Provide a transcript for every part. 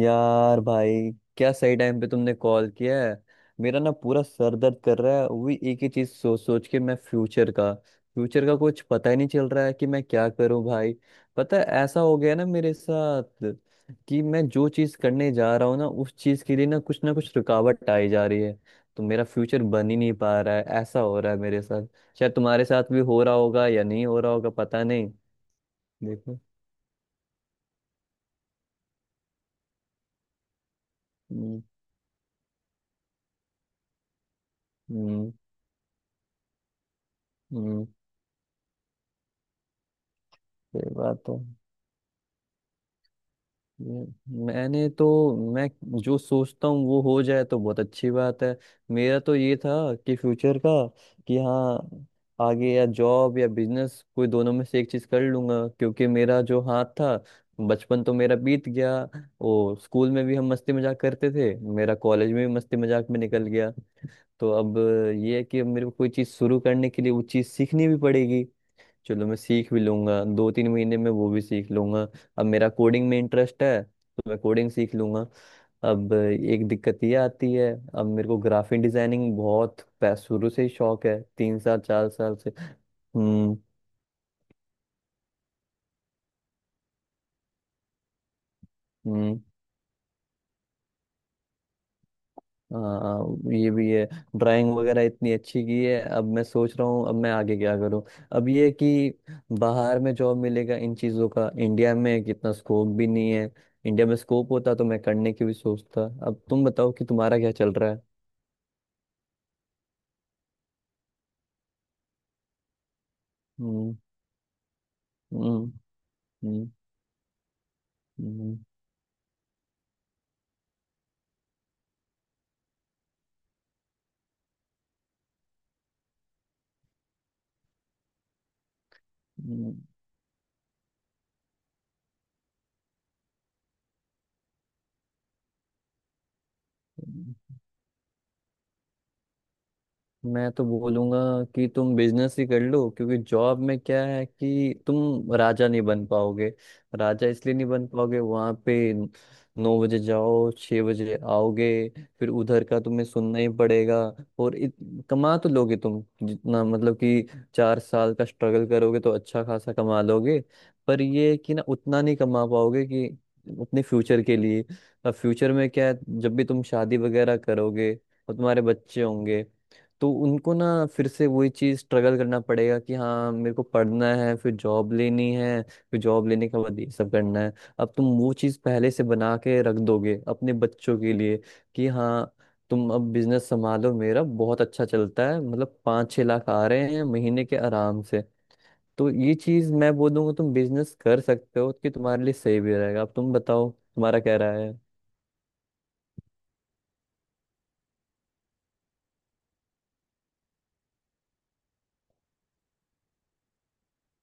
यार भाई, क्या सही टाइम पे तुमने कॉल किया है। मेरा ना पूरा सर दर्द कर रहा है वही एक ही चीज सोच सोच के। मैं फ्यूचर का कुछ पता ही नहीं चल रहा है कि मैं क्या करूं भाई। पता है ऐसा हो गया ना मेरे साथ कि मैं जो चीज करने जा रहा हूँ ना, उस चीज के लिए ना कुछ रुकावट आई जा रही है। तो मेरा फ्यूचर बन ही नहीं पा रहा है, ऐसा हो रहा है मेरे साथ। शायद तुम्हारे साथ भी हो रहा होगा या नहीं हो रहा होगा, पता नहीं। देखो। हम्म। हम्म। हम्म, ये बात है। मैं- मैंने तो मैं जो सोचता हूँ वो हो जाए तो बहुत अच्छी बात है। मेरा तो ये था कि फ्यूचर का, कि हाँ, आगे या जॉब या बिजनेस कोई दोनों में से एक चीज कर लूंगा, क्योंकि मेरा जो हाथ था। बचपन तो मेरा बीत गया, वो स्कूल में भी हम मस्ती मजाक करते थे, मेरा कॉलेज में भी मस्ती मजाक में निकल गया। तो अब ये है कि अब मेरे को कोई चीज शुरू करने के लिए वो चीज सीखनी भी पड़ेगी। चलो, मैं सीख भी लूंगा, 2 3 महीने में वो भी सीख लूंगा। अब मेरा कोडिंग में इंटरेस्ट है तो मैं कोडिंग सीख लूंगा। अब एक दिक्कत ये आती है। अब मेरे को ग्राफिक डिजाइनिंग बहुत शुरू से ही शौक है, 3 साल 4 साल से। हम्म। हम्म। हाँ, ये भी है। ड्राइंग वगैरह इतनी अच्छी की है। अब मैं सोच रहा हूँ अब मैं आगे क्या करूँ। अब ये है कि बाहर में जॉब मिलेगा, इन चीज़ों का इंडिया में कितना स्कोप भी नहीं है। इंडिया में स्कोप होता तो मैं करने की भी सोचता। अब तुम बताओ कि तुम्हारा क्या चल रहा है। हम्म। हम्म। हम्म। हम्म। हम्म। हम्म। मैं तो बोलूंगा कि तुम बिजनेस ही कर लो, क्योंकि जॉब में क्या है कि तुम राजा नहीं बन पाओगे। राजा इसलिए नहीं बन पाओगे, वहां पे 9 बजे जाओ, 6 बजे आओगे। फिर उधर का तुम्हें सुनना ही पड़ेगा। और कमा तो लोगे तुम, जितना मतलब कि 4 साल का स्ट्रगल करोगे तो अच्छा खासा कमा लोगे। पर ये है कि ना उतना नहीं कमा पाओगे कि अपने फ्यूचर के लिए। अब फ्यूचर में क्या है, जब भी तुम शादी वगैरह करोगे और तुम्हारे बच्चे होंगे, तो उनको ना फिर से वही चीज स्ट्रगल करना पड़ेगा कि हाँ, मेरे को पढ़ना है, फिर जॉब लेनी है, फिर जॉब लेने के बाद ये सब करना है। अब तुम वो चीज पहले से बना के रख दोगे अपने बच्चों के लिए, कि हाँ तुम अब बिजनेस संभालो, मेरा बहुत अच्छा चलता है, मतलब 5 6 लाख आ रहे हैं महीने के आराम से। तो ये चीज मैं बोल दूंगा, तुम बिजनेस कर सकते हो कि तुम्हारे लिए सही भी रहेगा। अब तुम बताओ तुम्हारा क्या राय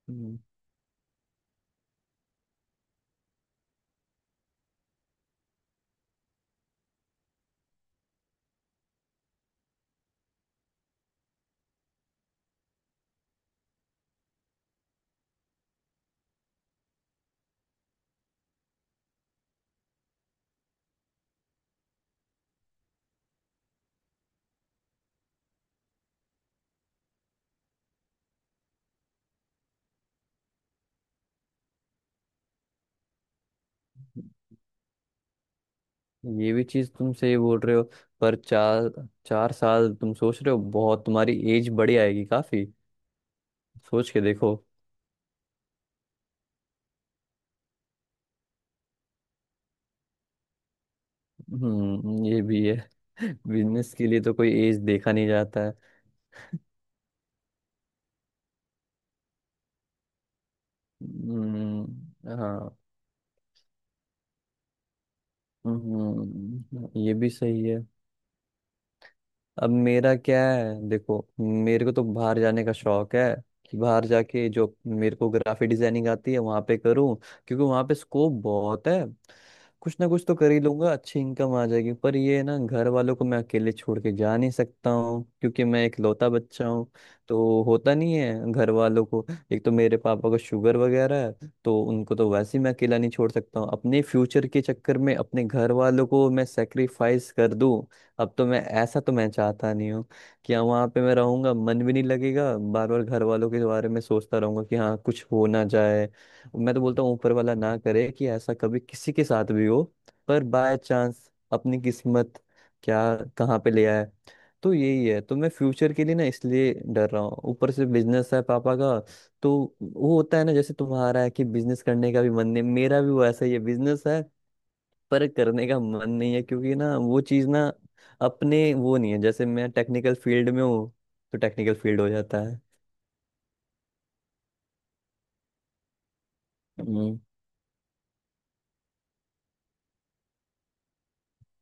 है। ये भी चीज तुम सही बोल रहे हो। पर चार चार साल तुम सोच रहे हो, बहुत तुम्हारी एज बड़ी आएगी काफी। सोच के देखो। हम्म, ये भी है। बिजनेस के लिए तो कोई एज देखा नहीं जाता है। हाँ। ये भी सही है। अब मेरा क्या है, देखो, मेरे को तो बाहर जाने का शौक है, कि बाहर जाके जो मेरे को ग्राफिक डिजाइनिंग आती है वहां पे करूँ, क्योंकि वहां पे स्कोप बहुत है। कुछ ना कुछ तो कर ही लूंगा, अच्छी इनकम आ जाएगी। पर ये है ना, घर वालों को मैं अकेले छोड़ के जा नहीं सकता हूँ, क्योंकि मैं इकलौता बच्चा हूँ। तो होता नहीं है घर वालों को। एक तो मेरे पापा को शुगर वगैरह है, तो उनको तो वैसे ही मैं अकेला नहीं छोड़ सकता हूँ। अपने फ्यूचर के चक्कर में अपने घर वालों को मैं सेक्रीफाइस कर दूँ, अब तो मैं ऐसा तो मैं चाहता नहीं हूँ। कि हाँ, वहाँ पे मैं रहूंगा मन भी नहीं लगेगा, बार बार घर वालों के बारे में सोचता रहूंगा कि हाँ कुछ हो ना जाए। मैं तो बोलता हूँ ऊपर वाला ना करे कि ऐसा कभी किसी के साथ भी हो। पर बाय चांस अपनी किस्मत क्या, कहाँ पे ले आए। तो यही है, तो मैं फ्यूचर के लिए ना इसलिए डर रहा हूँ, ऊपर से बिजनेस है पापा का। तो वो होता है ना, जैसे तुम्हारा है कि बिजनेस करने का भी मन नहीं, मेरा भी वो ऐसा ही है, बिजनेस है, पर करने का मन नहीं है, क्योंकि ना वो चीज़ ना अपने वो नहीं है। जैसे मैं टेक्निकल फील्ड में हूँ, तो टेक्निकल फील्ड हो जाता है। हम्म।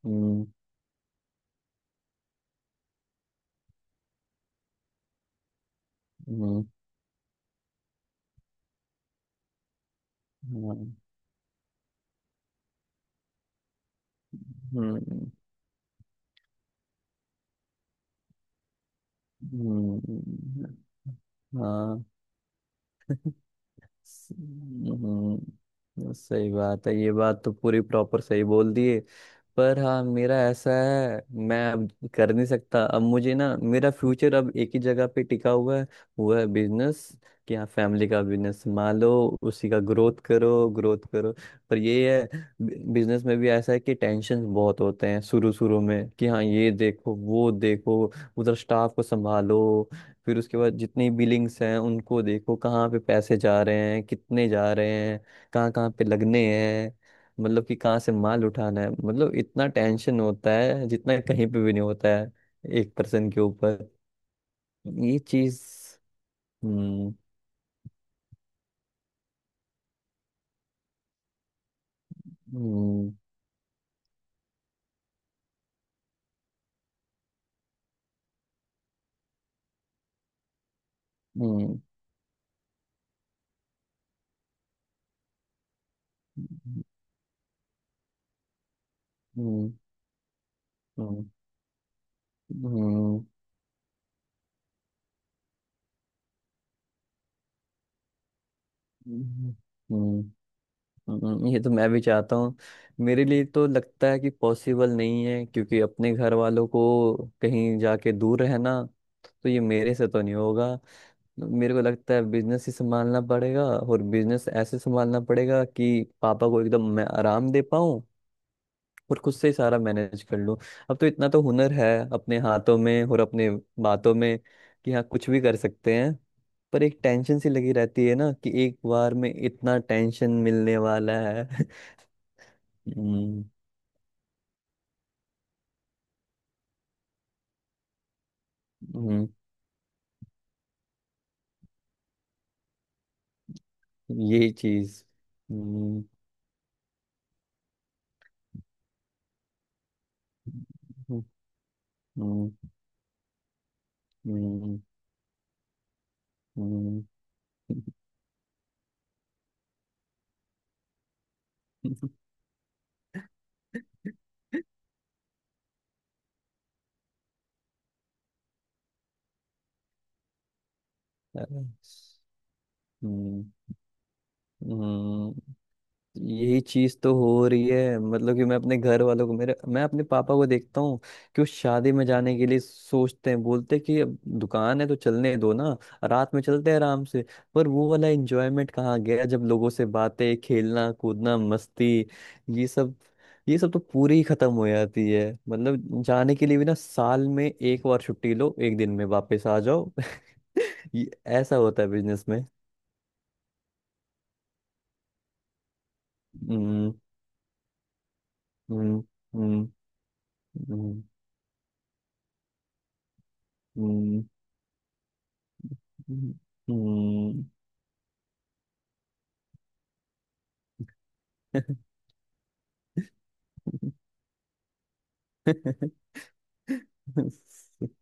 हम्म। हम्म। हाँ। हम्म। हम्म, हाँ। सही बात है। ये बात तो पूरी प्रॉपर सही बोल दिए। पर हाँ, मेरा ऐसा है, मैं अब कर नहीं सकता। अब मुझे ना मेरा फ्यूचर अब एक ही जगह पे टिका हुआ है। वो है बिजनेस। कि हाँ, फैमिली का बिजनेस संभालो, उसी का ग्रोथ करो, ग्रोथ करो। पर ये है, बिजनेस में भी ऐसा है कि टेंशन बहुत होते हैं शुरू शुरू में, कि हाँ ये देखो, वो देखो, उधर स्टाफ को संभालो, फिर उसके बाद जितनी बिलिंग्स हैं उनको देखो, कहाँ पे पैसे जा रहे हैं, कितने जा रहे हैं, कहाँ कहाँ पे लगने हैं, मतलब कि कहाँ से माल उठाना है। मतलब इतना टेंशन होता है जितना कहीं पे भी नहीं होता है, एक पर्सन के ऊपर। ये चीज। हम्म। हम्म। हम्म। हम्म। हम्म। हम्म। हम्म, हम्म, ये तो मैं भी चाहता हूँ। मेरे लिए तो लगता है कि पॉसिबल नहीं है, क्योंकि अपने घर वालों को कहीं जाके दूर रहना, तो ये मेरे से तो नहीं होगा। मेरे को लगता है बिजनेस ही संभालना पड़ेगा, और बिजनेस ऐसे संभालना पड़ेगा कि पापा को एकदम मैं आराम दे पाऊँ, और खुद से ही सारा मैनेज कर लूँ। अब तो इतना तो हुनर है अपने हाथों में और अपने बातों में, कि हाँ कुछ भी कर सकते हैं। पर एक टेंशन सी लगी रहती है ना, कि एक बार में इतना टेंशन मिलने वाला है। हम्म, हम्म, ये चीज। हम्म, हम्म, हम्म, हम्म, हम्म। हम्म, हम्म, यही चीज तो हो रही है। मतलब कि मैं अपने घर वालों को, मेरे, मैं अपने पापा को देखता हूँ कि वो शादी में जाने के लिए सोचते हैं, बोलते हैं कि अब दुकान है तो चलने दो ना, रात में चलते हैं आराम से। पर वो वाला एंजॉयमेंट कहाँ गया, जब लोगों से बातें, खेलना कूदना, मस्ती, ये सब। ये सब तो पूरी ही खत्म हो जाती है। मतलब जाने के लिए भी ना, साल में एक बार छुट्टी लो, एक दिन में वापस आ जाओ। ये ऐसा होता है बिजनेस में। हम्म। हम्म। हम्म। हम्म। हम्म। हम्म।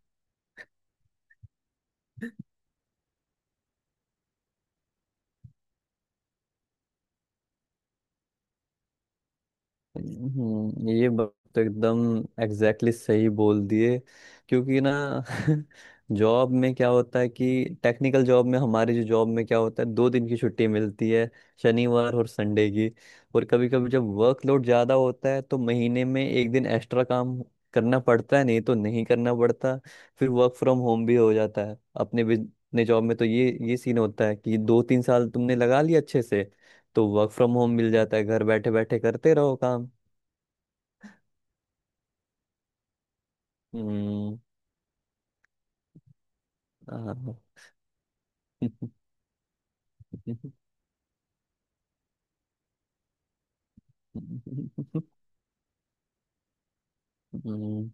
ये बात तो एकदम एग्जैक्टली exactly सही बोल दिए। क्योंकि ना जॉब में क्या होता है कि टेक्निकल जॉब में हमारे, जो जॉब में क्या होता है, 2 दिन की छुट्टी मिलती है, शनिवार और संडे की। और कभी कभी जब वर्कलोड ज़्यादा होता है, तो महीने में एक दिन एक्स्ट्रा काम करना पड़ता है, नहीं तो नहीं करना पड़ता। फिर वर्क फ्रॉम होम भी हो जाता है अपने अपने जॉब में। तो ये सीन होता है कि 2 3 साल तुमने लगा लिया अच्छे से, तो वर्क फ्रॉम होम मिल जाता है, घर बैठे बैठे करते रहो काम। हम्म, हाँ। हम्म,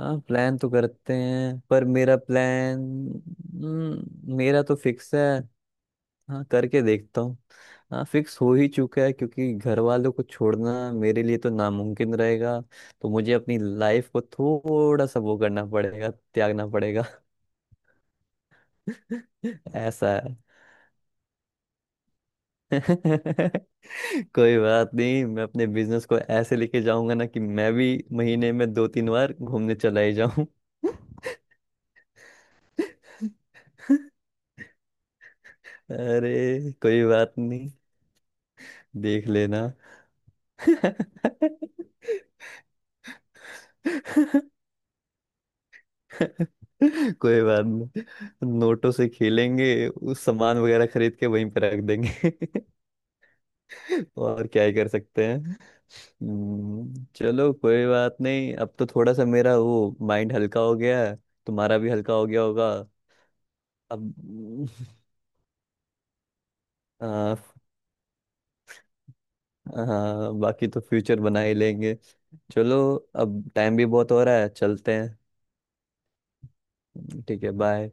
हाँ, प्लान तो करते हैं, पर मेरा प्लान। मेरा तो फिक्स है। हाँ, करके देखता हूँ। हाँ, फिक्स हो ही चुका है, क्योंकि घर वालों को छोड़ना मेरे लिए तो नामुमकिन रहेगा। तो मुझे अपनी लाइफ को थोड़ा सा वो करना पड़ेगा, त्यागना पड़ेगा। ऐसा है। कोई बात नहीं, मैं अपने बिजनेस को ऐसे लेके जाऊंगा ना कि मैं भी महीने में 2 3 बार घूमने चला ही जाऊं। अरे कोई बात नहीं, देख लेना। कोई बात नहीं, नोटों से खेलेंगे, उस सामान वगैरह खरीद के वहीं पे रख देंगे। और क्या ही कर सकते हैं। चलो कोई बात नहीं, अब तो थोड़ा सा मेरा वो माइंड हल्का हो गया है। तुम्हारा भी हल्का हो गया होगा। अब आ, हाँ, बाकी तो फ्यूचर बना ही लेंगे। चलो, अब टाइम भी बहुत हो रहा है, चलते हैं। ठीक है, बाय।